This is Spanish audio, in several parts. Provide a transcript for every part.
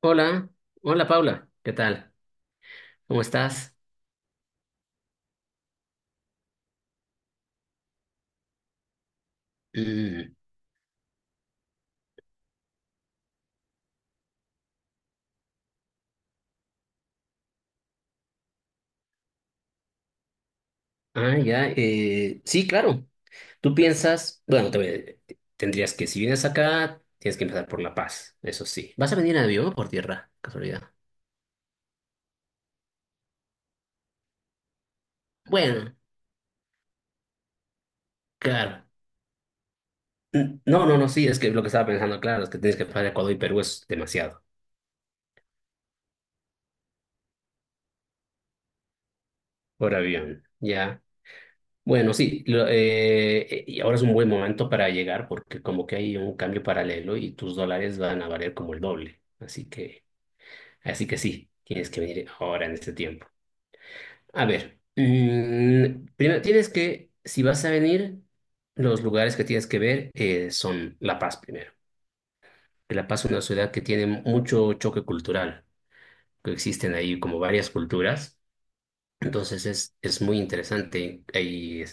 Hola, hola Paula, ¿qué tal? ¿Cómo estás? Mm, ya, sí, claro. Tú piensas, bueno, tendrías que, si vienes acá, tienes que empezar por La Paz, eso sí. ¿Vas a venir en avión o por tierra? Casualidad. Bueno, claro. No, no, no, sí, es que lo que estaba pensando, claro, es que tienes que pasar Ecuador y Perú es demasiado por avión, ya. Bueno, sí, y ahora es un buen momento para llegar porque como que hay un cambio paralelo y tus dólares van a valer como el doble, así que... Así que sí, tienes que venir ahora en este tiempo. A ver, primero tienes que, si vas a venir, los lugares que tienes que ver son La Paz primero. Que La Paz es una ciudad que tiene mucho choque cultural, que existen ahí como varias culturas. Entonces es muy interesante.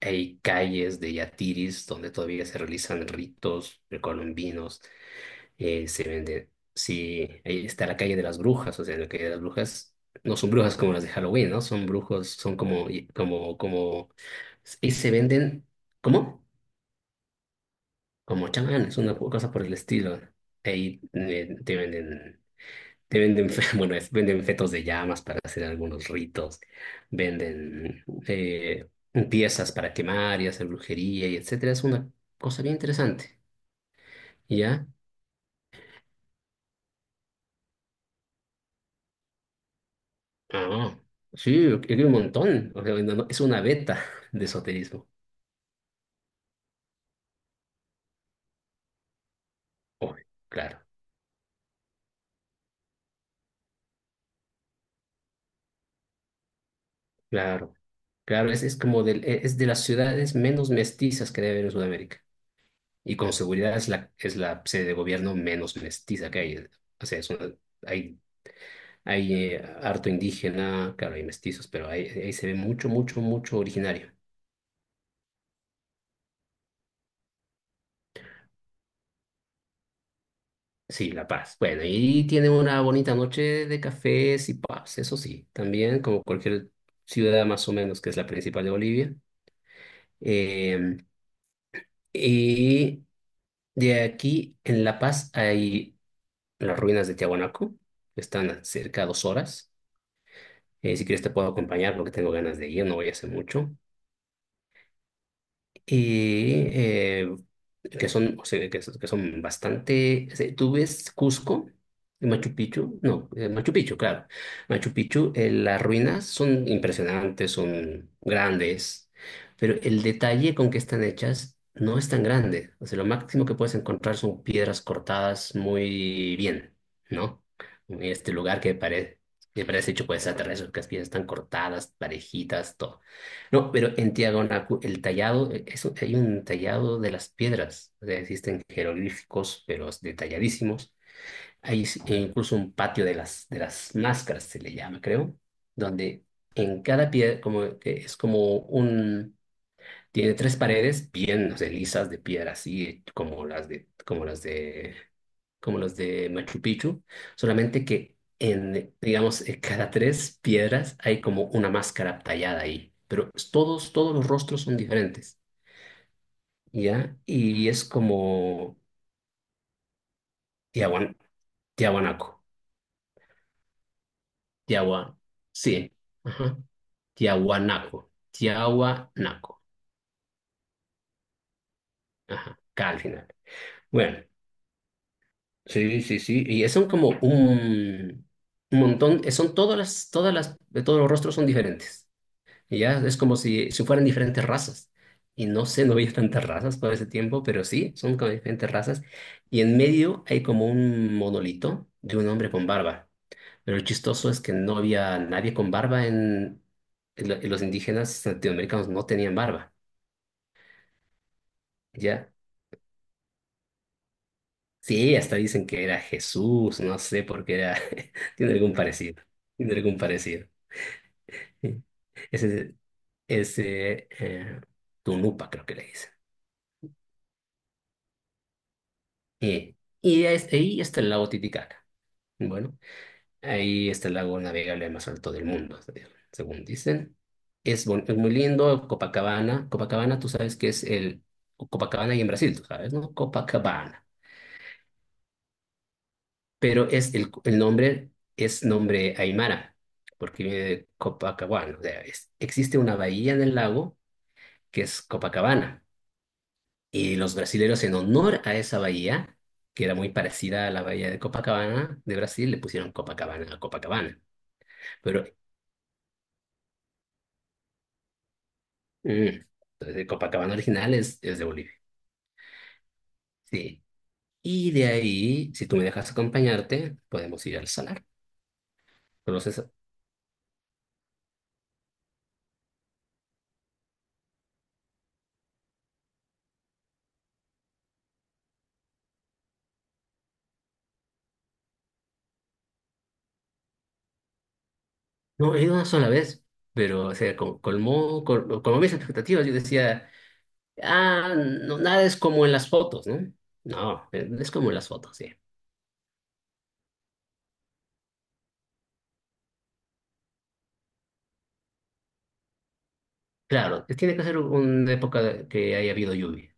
Hay calles de yatiris donde todavía se realizan ritos precolombinos. Eh, se vende. Sí, ahí está la calle de las brujas, o sea, la calle de las brujas no son brujas como las de Halloween, ¿no? Son brujos, son como, como, y se venden, ¿cómo? Como chamanes, una cosa por el estilo. Ahí te venden, bueno, venden fetos de llamas para hacer algunos ritos, venden piezas para quemar y hacer brujería y etcétera. Es una cosa bien interesante, ¿ya? Ah, sí, aquí hay un montón. O sea, no, es una beta de esoterismo. Oh, claro, claro, claro. Es como es de las ciudades menos mestizas que debe haber en Sudamérica. Y con seguridad es la sede de gobierno menos mestiza que hay. O sea, hay, hay harto indígena, claro, hay mestizos, pero ahí, ahí se ve mucho, mucho, mucho originario. Sí, La Paz. Bueno, y tiene una bonita noche de cafés y pubs, eso sí. También, como cualquier ciudad más o menos que es la principal de Bolivia. Eh, y de aquí, en La Paz, hay las ruinas de Tiahuanaco, que están a cerca de dos horas. Si quieres te puedo acompañar porque tengo ganas de ir, no voy a hacer mucho. Y que son, o sea, son que son bastante... O sea, tú ves Cusco, y Machu Picchu, no, Machu Picchu, claro. Machu Picchu, las ruinas son impresionantes, son grandes, pero el detalle con que están hechas no es tan grande. O sea, lo máximo que puedes encontrar son piedras cortadas muy bien, ¿no? En este lugar que parece... Que parece hecho por extraterrestres, que las piedras están cortadas, parejitas, todo. No, pero en Tiahuanacu, el tallado, hay un tallado de las piedras. O sea, existen jeroglíficos, pero detalladísimos. E incluso un patio de las máscaras, se le llama, creo, donde en cada piedra, como que es como un, tiene tres paredes bien, no sé, lisas de piedra, así como como las de como los de Machu Picchu, solamente que en, digamos, en cada tres piedras hay como una máscara tallada ahí, pero todos, todos los rostros son diferentes, ¿ya? Y es como Tiahuan, Tiahuanaco, Tiahua, sí, ajá, Tiahuanaco, Tiahuanaco, ajá, K al final. Bueno, sí, sí, sí, y son como un montón, son todos los rostros son diferentes. Y ya es como si, si fueran diferentes razas. Y no sé, no veía tantas razas por ese tiempo, pero sí, son como diferentes razas. Y en medio hay como un monolito de un hombre con barba. Pero lo chistoso es que no había nadie con barba en... En los indígenas latinoamericanos no tenían barba, ¿ya? Sí, hasta dicen que era Jesús, no sé por qué era... Tiene algún parecido, tiene algún parecido. Sí. Ese, ese Tunupa creo que le dicen. Eh, Ahí está el lago Titicaca. Bueno, ahí está el lago navegable más alto del mundo, según dicen. Es muy lindo, Copacabana. Copacabana, tú sabes que es el... Copacabana y en Brasil, tú sabes, ¿no? Copacabana. Pero el nombre es nombre Aymara, porque viene de Copacabana. O sea, existe una bahía en el lago que es Copacabana. Y los brasileros, en honor a esa bahía, que era muy parecida a la bahía de Copacabana de Brasil, le pusieron Copacabana a Copacabana. Pero mm, entonces el Copacabana original es de Bolivia. Sí. Y de ahí, si tú me dejas acompañarte, podemos ir al salar. Conoces- No, he ido una sola vez, pero o sea, colmó, colmó mis expectativas. Yo decía, ah, no, nada es como en las fotos, ¿no? No, es como en las fotos, sí. Claro, tiene que ser una época que haya habido lluvia.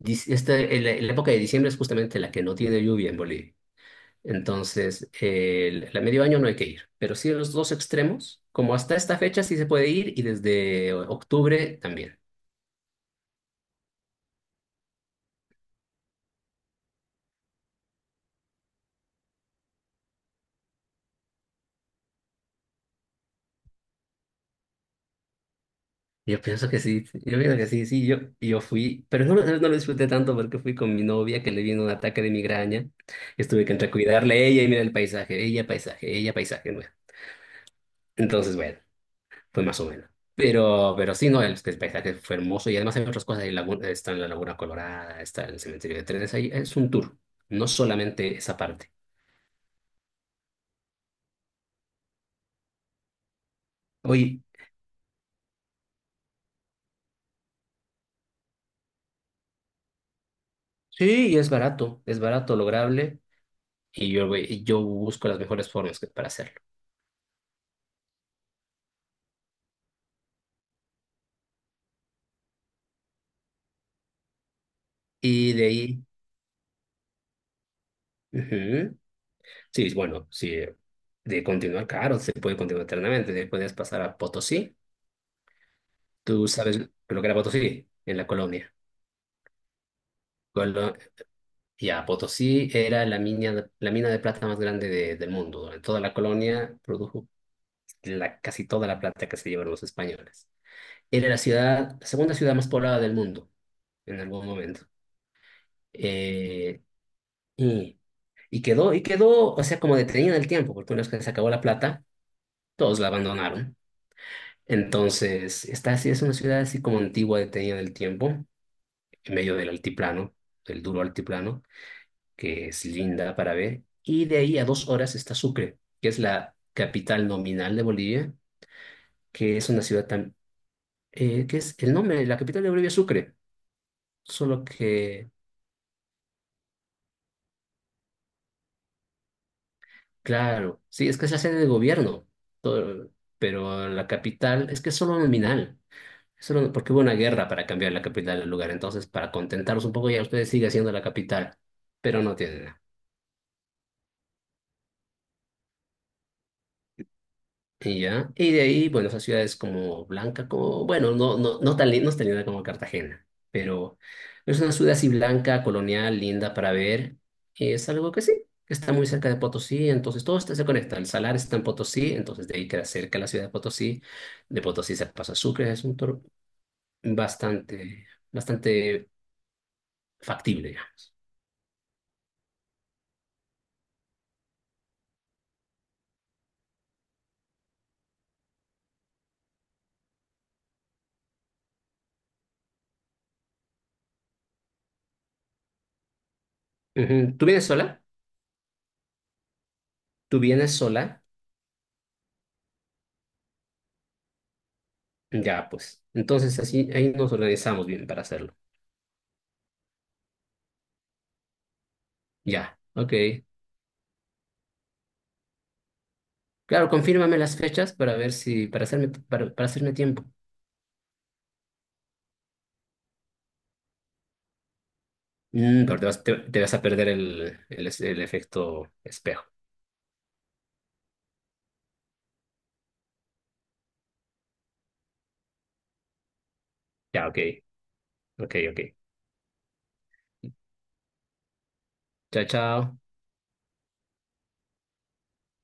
La época de diciembre es justamente la que no tiene lluvia en Bolivia. Entonces, la medio año no hay que ir, pero sí en los dos extremos, como hasta esta fecha sí se puede ir y desde octubre también. Yo pienso que sí, yo pienso que sí, sí, yo fui, pero no, no lo disfruté tanto porque fui con mi novia que le vino un ataque de migraña. Estuve que entre cuidarle a ella y mirar el paisaje, ella paisaje, ella paisaje, bueno. Entonces, bueno. Pues más o menos. Pero sí, no, el paisaje fue hermoso y además hay otras cosas. Está en la Laguna Colorada, está el cementerio de trenes. Ahí es un tour, no solamente esa parte. Oye, sí, y es barato, lograble. Y yo busco las mejores formas para hacerlo. Y de ahí, ujú, sí, bueno, sí, de continuar, claro, se puede continuar eternamente. De ahí puedes pasar a Potosí. Tú sabes lo que era Potosí en la colonia. Ya, Potosí era la mina de plata más grande del mundo. Durante toda la colonia produjo casi toda la plata que se llevaron los españoles. Era la segunda ciudad más poblada del mundo en algún momento. Eh, y, y quedó, o sea, como detenida en el tiempo, porque una vez que se acabó la plata, todos la abandonaron. Entonces, esta sí es una ciudad así como antigua, detenida en el tiempo, en medio del altiplano, del duro altiplano. Que es linda para ver, y de ahí a dos horas está Sucre, que es la capital nominal de Bolivia, que es una ciudad tan, que es el nombre de la capital de Bolivia, es Sucre, solo que, claro, sí, es que es la sede de gobierno, todo- pero la capital es que es solo nominal, solo, porque hubo una guerra para cambiar la capital del lugar, entonces para contentarlos un poco ya ustedes sigue siendo la capital, pero no tiene nada. Y ya. Y de ahí, bueno, esas ciudades como blanca, como, bueno, no tan, no es tan linda como Cartagena, pero es una ciudad así blanca, colonial, linda para ver. Y es algo que sí, que está muy cerca de Potosí, entonces todo esto se conecta. El Salar está en Potosí, entonces de ahí queda cerca la ciudad de Potosí. De Potosí se pasa a Sucre, es un tour bastante, bastante factible, digamos. Ujú. ¿Tú vienes sola? ¿Tú vienes sola? Ya, pues. Entonces así, ahí nos organizamos bien para hacerlo. Ya, ok. Claro, confírmame las fechas para ver si, para hacerme tiempo. Mm, pero te vas, te vas a perder el efecto espejo. Ya, ok, ok, ok. Chao, chao.